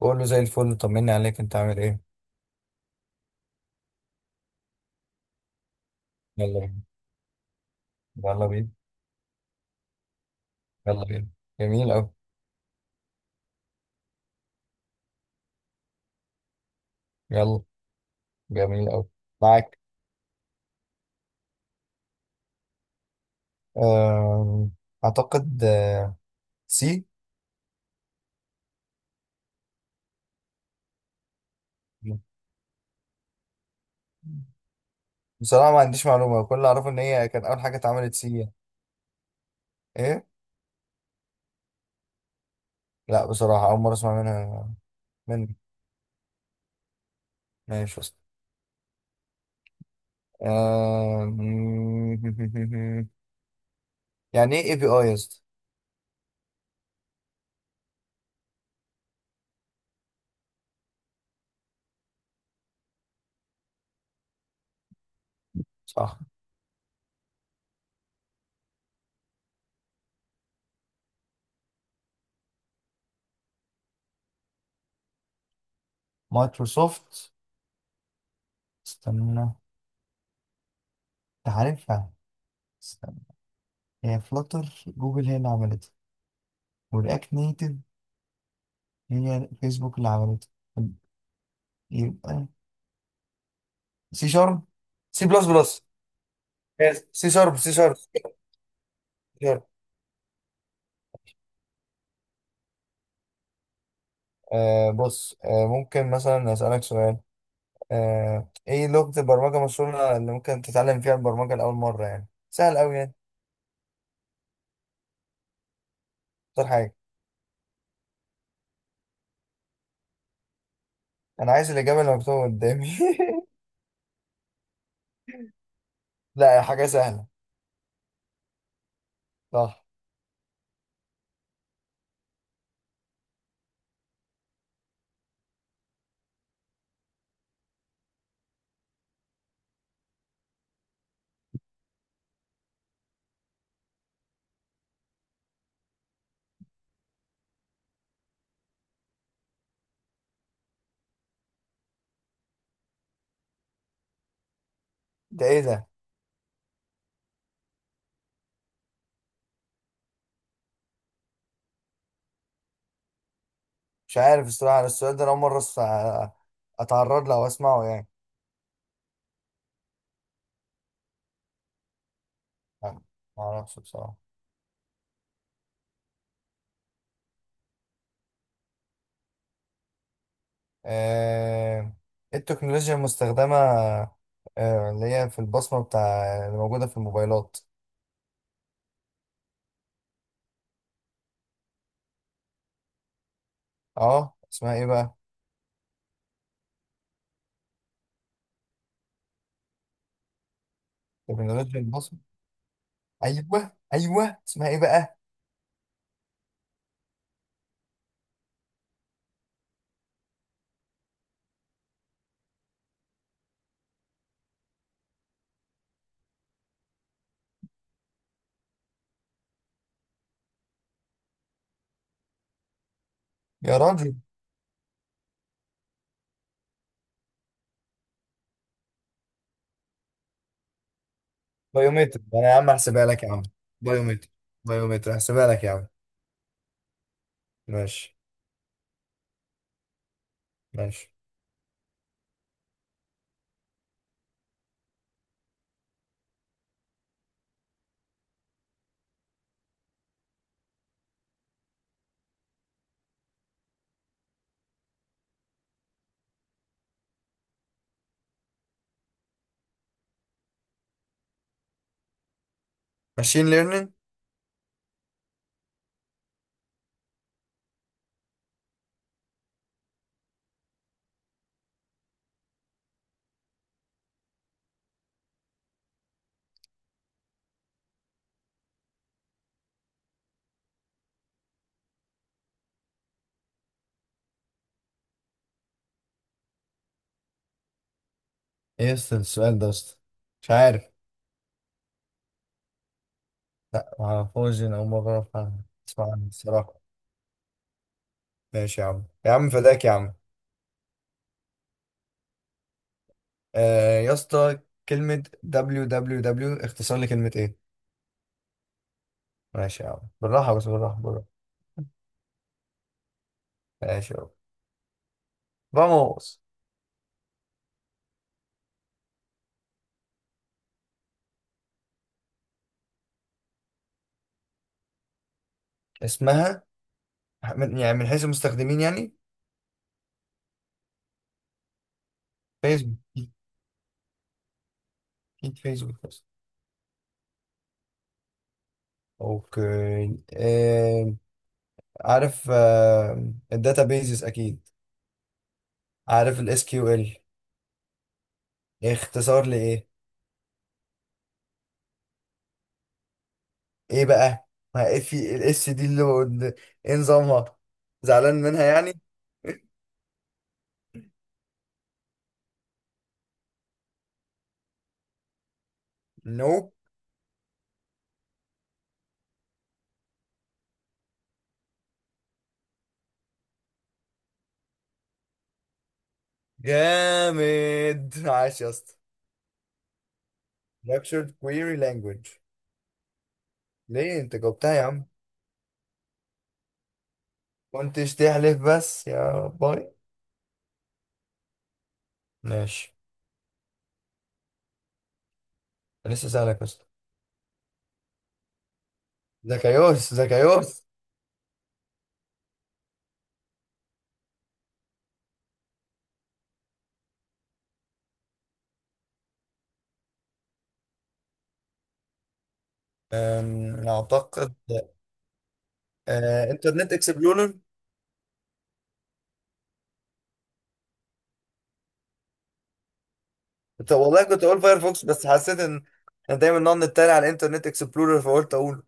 بقول له زي الفل، طمني عليك. انت عامل ايه؟ يلا بينا، يلا بينا، يلا بينا. جميل أوي. يلا. جميل أوي. معاك. أم، أعتقد سي. بصراحة ما عنديش معلومة، كل اللي أعرفه إن هي كان أول حاجة اتعملت سي. إيه؟ لا بصراحة، أول مرة أسمع منها. منك. ماشي أصلا. أم، يعني إيه API يا اسطى؟ صح. مايكروسوفت؟ استنى أنت، عارفها. استنى، هي فلاتر جوجل هي اللي عملتها، ورياكت نيتف هي فيسبوك اللي عملته. طب، يبقى سي شارب. سي بلس بلس. سي شارب. سي شارب سي شارب. آه بص، ممكن مثلا أسألك سؤال؟ ايه لغة البرمجة المشهورة اللي ممكن تتعلم فيها البرمجة لأول مرة؟ يعني سهل أوي يعني. اختار حاجة. أنا عايز الإجابة اللي مكتوبة قدامي لا، يا حاجة سهلة. صح. ده ايه ده؟ مش عارف الصراحة، أنا السؤال ده أنا أول مرة أتعرض له أو أسمعه يعني. معرفش بصراحة. آه، التكنولوجيا المستخدمة، اللي هي في البصمة بتاع اللي موجودة في الموبايلات. اه، اسمها ايه بقى؟ تكنولوجيا البصمة. ايوه ايوه، اسمها ايه بقى؟ يا راجل. بايومتر. انا يا عم هحسبها لك يا عم. بايومتر. بايومتر هحسبها لك يا عم. ماشي. ماشي. ماشين ليرنينج. ايه يا اسطى السؤال ده يا اسطى؟ مش عارف. لا، معرفوش، انا اول مرة أعرف عنه. اسمع عنه الصراحة. ماشي يا عم، يا عم فداك يا عم. آه يا اسطى، كلمة www اختصار لكلمة ايه؟ ماشي يا عم، بالراحة بس، بالراحة بالراحة. ماشي يا عم. فاموس. اسمها، من يعني من حيث المستخدمين يعني؟ فيسبوك اكيد. أكيد فيسبوك بس. اوكي. عارف. الداتا بيزز اكيد. عارف SQL. اختصار لايه؟ ايه بقى؟ ما إيه في الاس دي ايه نظامها؟ زعلان منها يعني؟ نو. جامد عاش يا اسطى. Structured Query Language. ليه انت جاوبتها يا عم؟ كنتش تحلف بس يا باي. ماشي. لسه سألك بس. زكايوس زكايوس. اعتقد انترنت اكسبلورر. طب والله كنت اقول فايرفوكس بس حسيت ان انا دايما نقعد نتريق على الانترنت اكسبلورر، فقلت اقوله.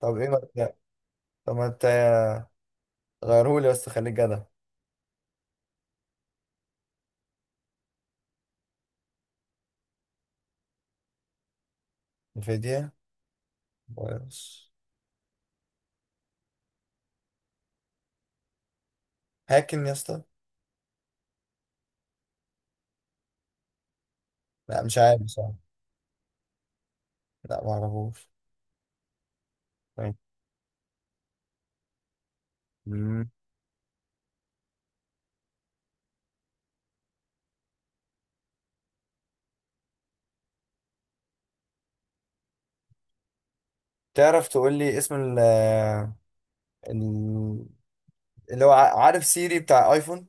طب ايه ما ت- طب ما انت غيرهولي بس، خليك جدع. انفيديا. فايروس. هاكن يا اسطى. لا، مش عارف بصراحة. لا، ما اعرفوش. طيب. تعرف تقول لي اسم ال- اللي هو عارف سيري بتاع ايفون،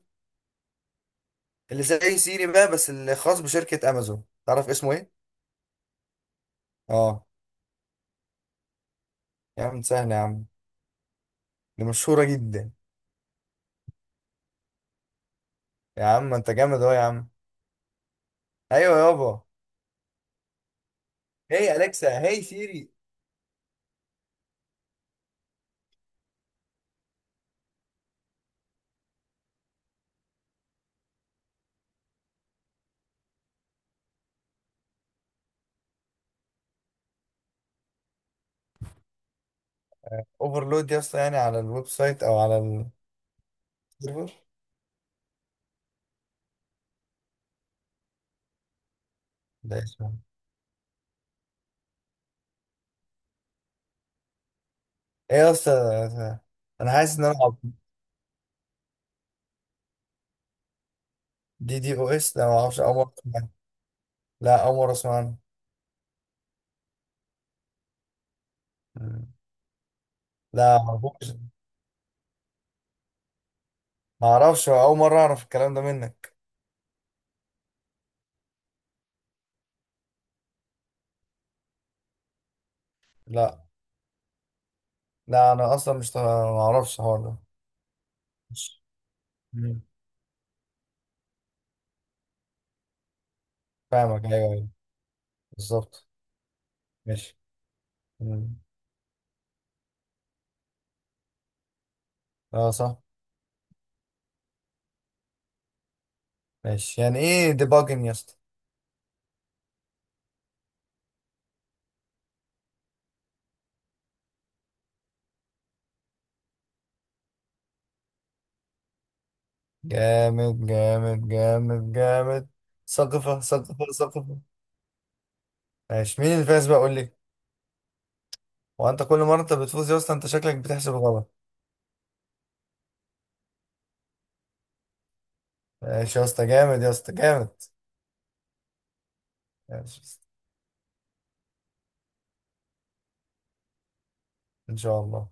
اللي زي سيري بقى بس اللي خاص بشركة امازون، تعرف اسمه ايه؟ اه. يا عم سهل يا عم، دي مشهورة جدا. يا عم انت جامد اهو يا عم. ايوه يابا. هي اليكسا هي سيري. اوفرلود يا اسطى، يعني على الويب سايت او على السيرفر. ده اسمه ايه يا اسطى؟ انا حاسس ان انا DDoS. لا، ما اعرفش، اول مرة أسمع عنها. لا، اول مرة اسمع عنها. لا ما اعرفوش. ما اعرفش، اول مره اعرف الكلام ده منك. لا لا، انا اصلا مش ط- ما اعرفش الحوار ده. ماشي. مم. فاهمك. ايوه ايوه. بالظبط. ماشي. مم. اه صح. ماشي، يعني ايه ديباجن يا اسطى؟ جامد جامد جامد جامد. ثقافه ثقافه ثقافه. ماشي، مين اللي فاز بقى؟ قول لي. هو انت كل مره انت بتفوز يا اسطى، انت شكلك بتحسب غلط. ماشي يا اسطى، جامد يا اسطى جامد. ماشي يا اسطى. ان شاء الله.